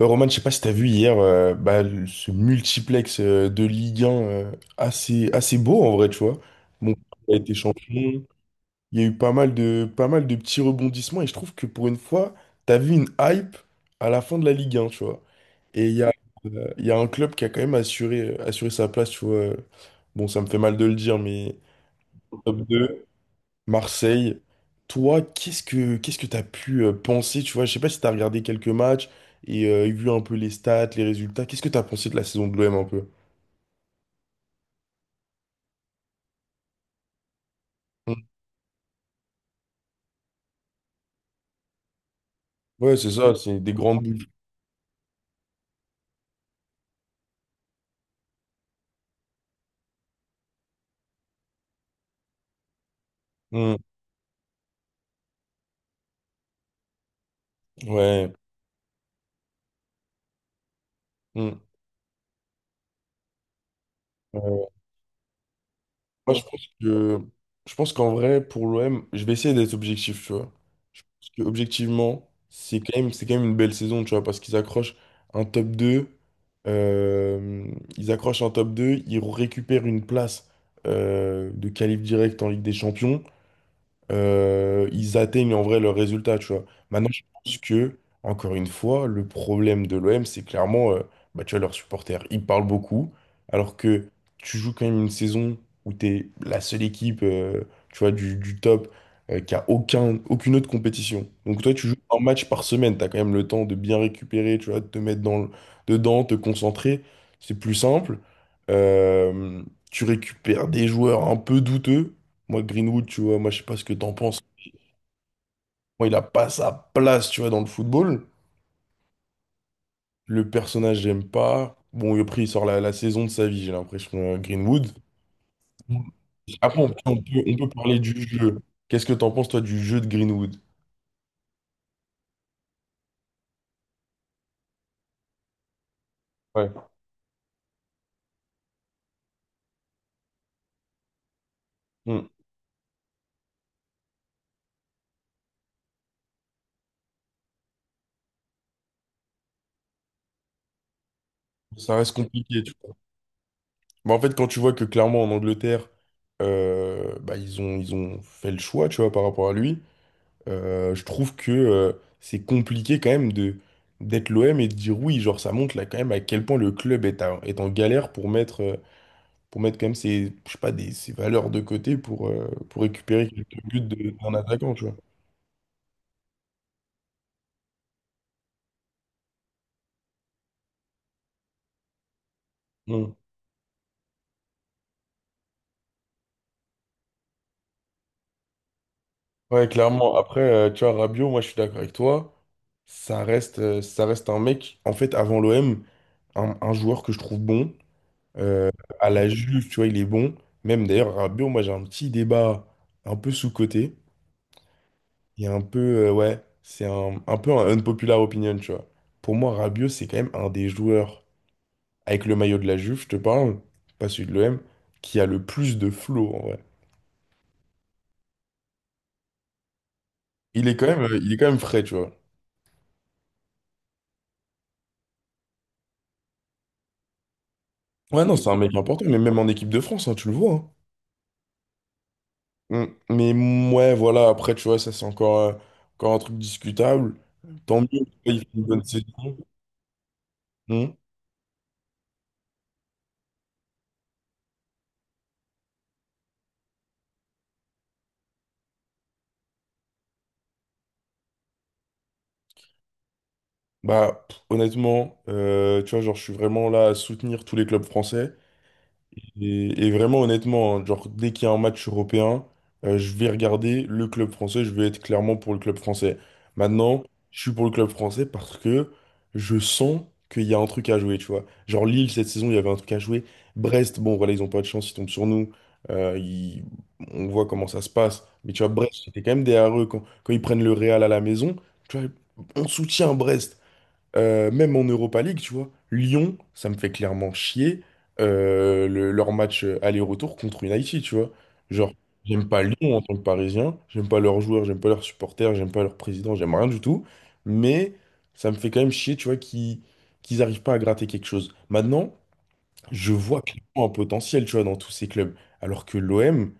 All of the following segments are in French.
Roman, je sais pas si t'as vu hier bah, ce multiplex de Ligue 1 assez beau en vrai, tu vois. Bon, il a été champion, il y a eu pas mal de petits rebondissements et je trouve que pour une fois, t'as vu une hype à la fin de la Ligue 1, tu vois. Et il y a un club qui a quand même assuré sa place, tu vois. Bon, ça me fait mal de le dire, mais top 2. Marseille. Toi, qu'est-ce que t'as pu penser, tu vois, je sais pas si t'as regardé quelques matchs et vu un peu les stats, les résultats. Qu'est-ce que t'as pensé de la saison de l'OM un peu? Mm. Ouais, c'est ça, c'est des grandes boules. Mm. Ouais. Mm. Ouais. Moi, je pense qu'en vrai, pour l'OM, je vais essayer d'être objectif, tu vois. Je pense que objectivement, c'est quand même une belle saison, tu vois, parce qu'un top 2 euh, ils accrochent un top 2 ils récupèrent une place de qualif direct en Ligue des Champions. Ils atteignent en vrai leur résultat, tu vois. Maintenant, je pense que, encore une fois, le problème de l'OM, c'est clairement, bah, tu vois, leurs supporters, ils parlent beaucoup, alors que tu joues quand même une saison où tu es la seule équipe, tu vois, du top, qui a aucun, aucune autre compétition. Donc toi, tu joues un match par semaine, tu as quand même le temps de bien récupérer, tu vois, de te mettre dedans, te concentrer, c'est plus simple. Euh, Tu récupères des joueurs un peu douteux, moi, Greenwood, tu vois, moi, je sais pas ce que t'en penses. Moi, il a pas sa place, tu vois, dans le football. Le personnage, j'aime pas. Bon, et après, il sort la saison de sa vie, j'ai l'impression, Greenwood. Mm. Après, on peut parler du jeu. Qu'est-ce que t'en penses, toi, du jeu de Greenwood? Ouais. Hmm. Ça reste compliqué, tu vois. Mais en fait, quand tu vois que clairement, en Angleterre, bah, ils ont fait le choix, tu vois, par rapport à lui. Je trouve que c'est compliqué quand même de d'être l'OM et de dire oui, genre ça montre là quand même à quel point le club est, est en galère pour mettre quand même ses, je sais pas, ses valeurs de côté pour récupérer quelques buts d'un attaquant, tu vois. Mm. Ouais, clairement. Après, tu vois, Rabiot, moi je suis d'accord avec toi. Ça reste un mec, en fait, avant l'OM, un joueur que je trouve bon. Euh, à la Juve, tu vois, il est bon. Même d'ailleurs, Rabiot, moi j'ai un petit débat un peu sous-coté. Il y a un peu, ouais, c'est un peu un unpopular opinion, tu vois. Pour moi, Rabiot, c'est quand même un des joueurs, avec le maillot de la Juve, je te parle, pas celui de l'OM, qui a le plus de flow, en vrai. Il est quand même, il est quand même frais, tu vois. Ouais, non, c'est un mec important, mais même en équipe de France, hein, tu le vois. Hein. Mm. Mais ouais, voilà, après, tu vois, ça, c'est encore un truc discutable. Tant mieux, tu vois, il fait une bonne saison. Mm. Bah, honnêtement, tu vois, genre, je suis vraiment là à soutenir tous les clubs français. Et vraiment, honnêtement, hein, genre, dès qu'il y a un match européen, je vais regarder le club français, je vais être clairement pour le club français. Maintenant, je suis pour le club français parce que je sens qu'il y a un truc à jouer, tu vois. Genre, Lille, cette saison, il y avait un truc à jouer. Brest, bon, voilà, ils ont pas de chance, ils tombent sur nous. Euh, ils- On voit comment ça se passe. Mais tu vois, Brest, c'était quand même derrière eux. Quand ils prennent le Real à la maison, tu vois, on soutient Brest. Même en Europa League, tu vois, Lyon, ça me fait clairement chier, leur match aller-retour contre United, tu vois. Genre, j'aime pas Lyon en tant que Parisien, j'aime pas leurs joueurs, j'aime pas leurs supporters, j'aime pas leur président, j'aime rien du tout, mais ça me fait quand même chier, tu vois, qu'ils arrivent pas à gratter quelque chose. Maintenant, je vois clairement un potentiel, tu vois, dans tous ces clubs, alors que l'OM,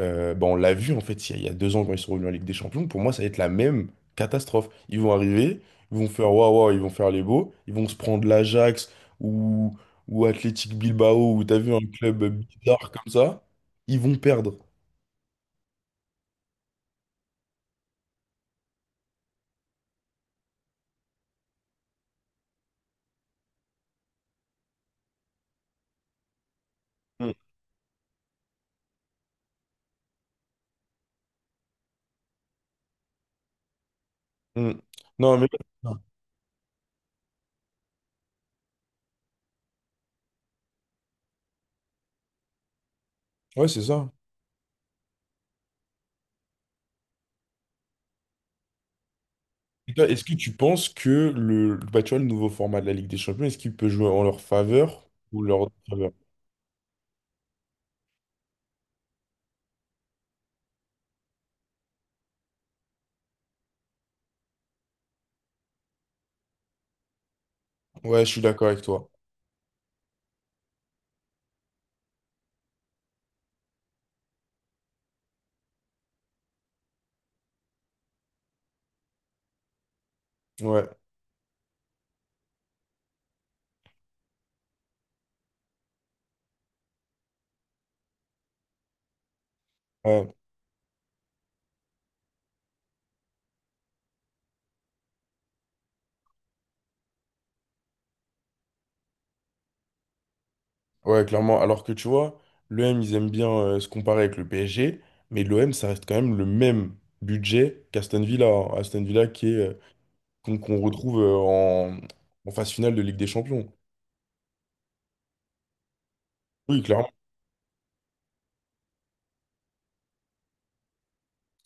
bah, on l'a vu en fait il y a 2 ans quand ils sont revenus en Ligue des Champions, pour moi ça va être la même catastrophe. Ils vont arriver, ils vont faire waouh, waouh, ils vont faire les beaux, ils vont se prendre l'Ajax ou, ou Athletic Bilbao ou t'as vu un club bizarre comme ça, ils vont perdre. Mm. Mm. Non mais ouais ouais, c'est ça. Et toi, est-ce que tu penses que bah, tu vois, le nouveau format de la Ligue des Champions, est-ce qu'il peut jouer en leur faveur ou leur défaveur? Ouais, je suis d'accord avec toi. Ouais. Ouais. Ouais, clairement. Alors que tu vois, l'OM, ils aiment bien se comparer avec le PSG, mais l'OM, ça reste quand même le même budget qu'Aston Villa. Hein. Aston Villa qui est, qu'on retrouve en phase finale de Ligue des Champions. Oui, clairement.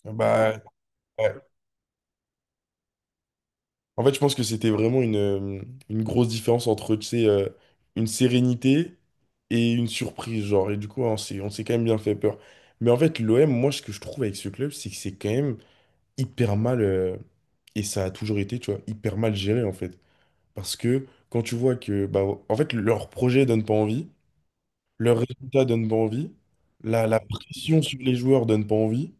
Bah, ouais. En fait, je pense que c'était vraiment une grosse différence entre, tu sais, une sérénité et une surprise, genre. Et du coup, on s'est quand même bien fait peur. Mais en fait, l'OM, moi, ce que je trouve avec ce club, c'est que c'est quand même hyper mal, et ça a toujours été, tu vois, hyper mal géré en fait. Parce que quand tu vois que, bah, en fait, leur projet donne pas envie, leurs résultats donnent pas envie, la pression sur les joueurs donne pas envie,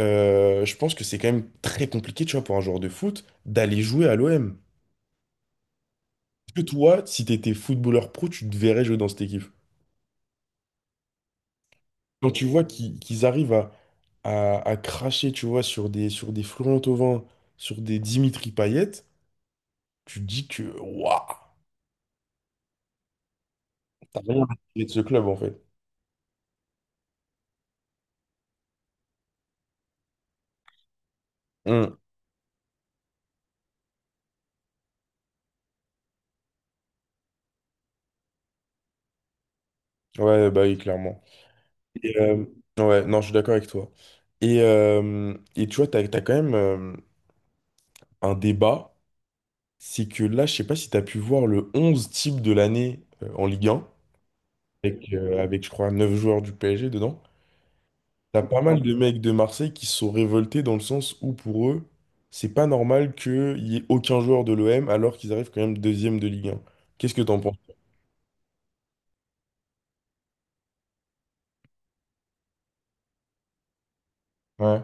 je pense que c'est quand même très compliqué, tu vois, pour un joueur de foot, d'aller jouer à l'OM. Est-ce que toi, si t'étais footballeur pro, tu te verrais jouer dans cette équipe? Quand tu vois qu'ils arrivent à cracher, tu vois, sur des Florent Thauvin, sur des Dimitri Payet, tu te dis que, waouh! T'as rien retiré de ce club en fait. Hmm. Ouais, bah oui, clairement. Et, euh, ouais, non, je suis d'accord avec toi. Et tu vois, t'as quand même un débat. C'est que là, je sais pas si t'as pu voir le 11 type de l'année en Ligue 1, avec je crois 9 joueurs du PSG dedans. T'as pas mal de mecs de Marseille qui se sont révoltés dans le sens où pour eux, c'est pas normal qu'il y ait aucun joueur de l'OM alors qu'ils arrivent quand même deuxième de Ligue 1. Qu'est-ce que t'en penses? Ouais.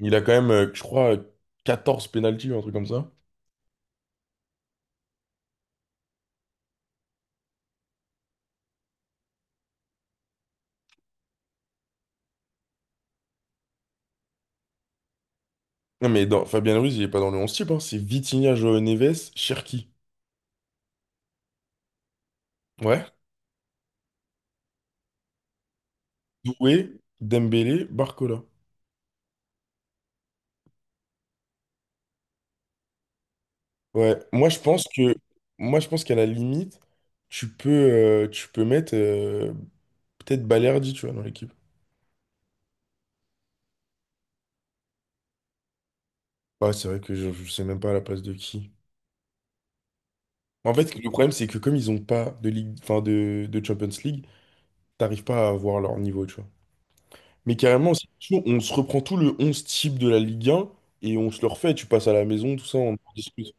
Il a quand même, je crois, 14 pénaltys ou un truc comme ça. Non, mais Fabien Ruiz, il est pas dans le 11 type, hein. C'est Vitinha, Joao Neves, Cherki. Ouais. Doué, Dembélé, Barcola. Ouais. Moi, je pense que, moi, je pense qu'à la limite, tu peux mettre peut-être Balerdi, tu vois, dans l'équipe. Ouais, c'est vrai que je sais même pas à la place de qui. En fait, le problème, c'est que comme ils ont pas de ligue, enfin de Champions League, t'arrives pas à avoir leur niveau, tu vois. Mais carrément, c'est chaud, on se reprend tout le 11 type de la Ligue 1 et on se le refait. Tu passes à la maison, tout ça, on en discute.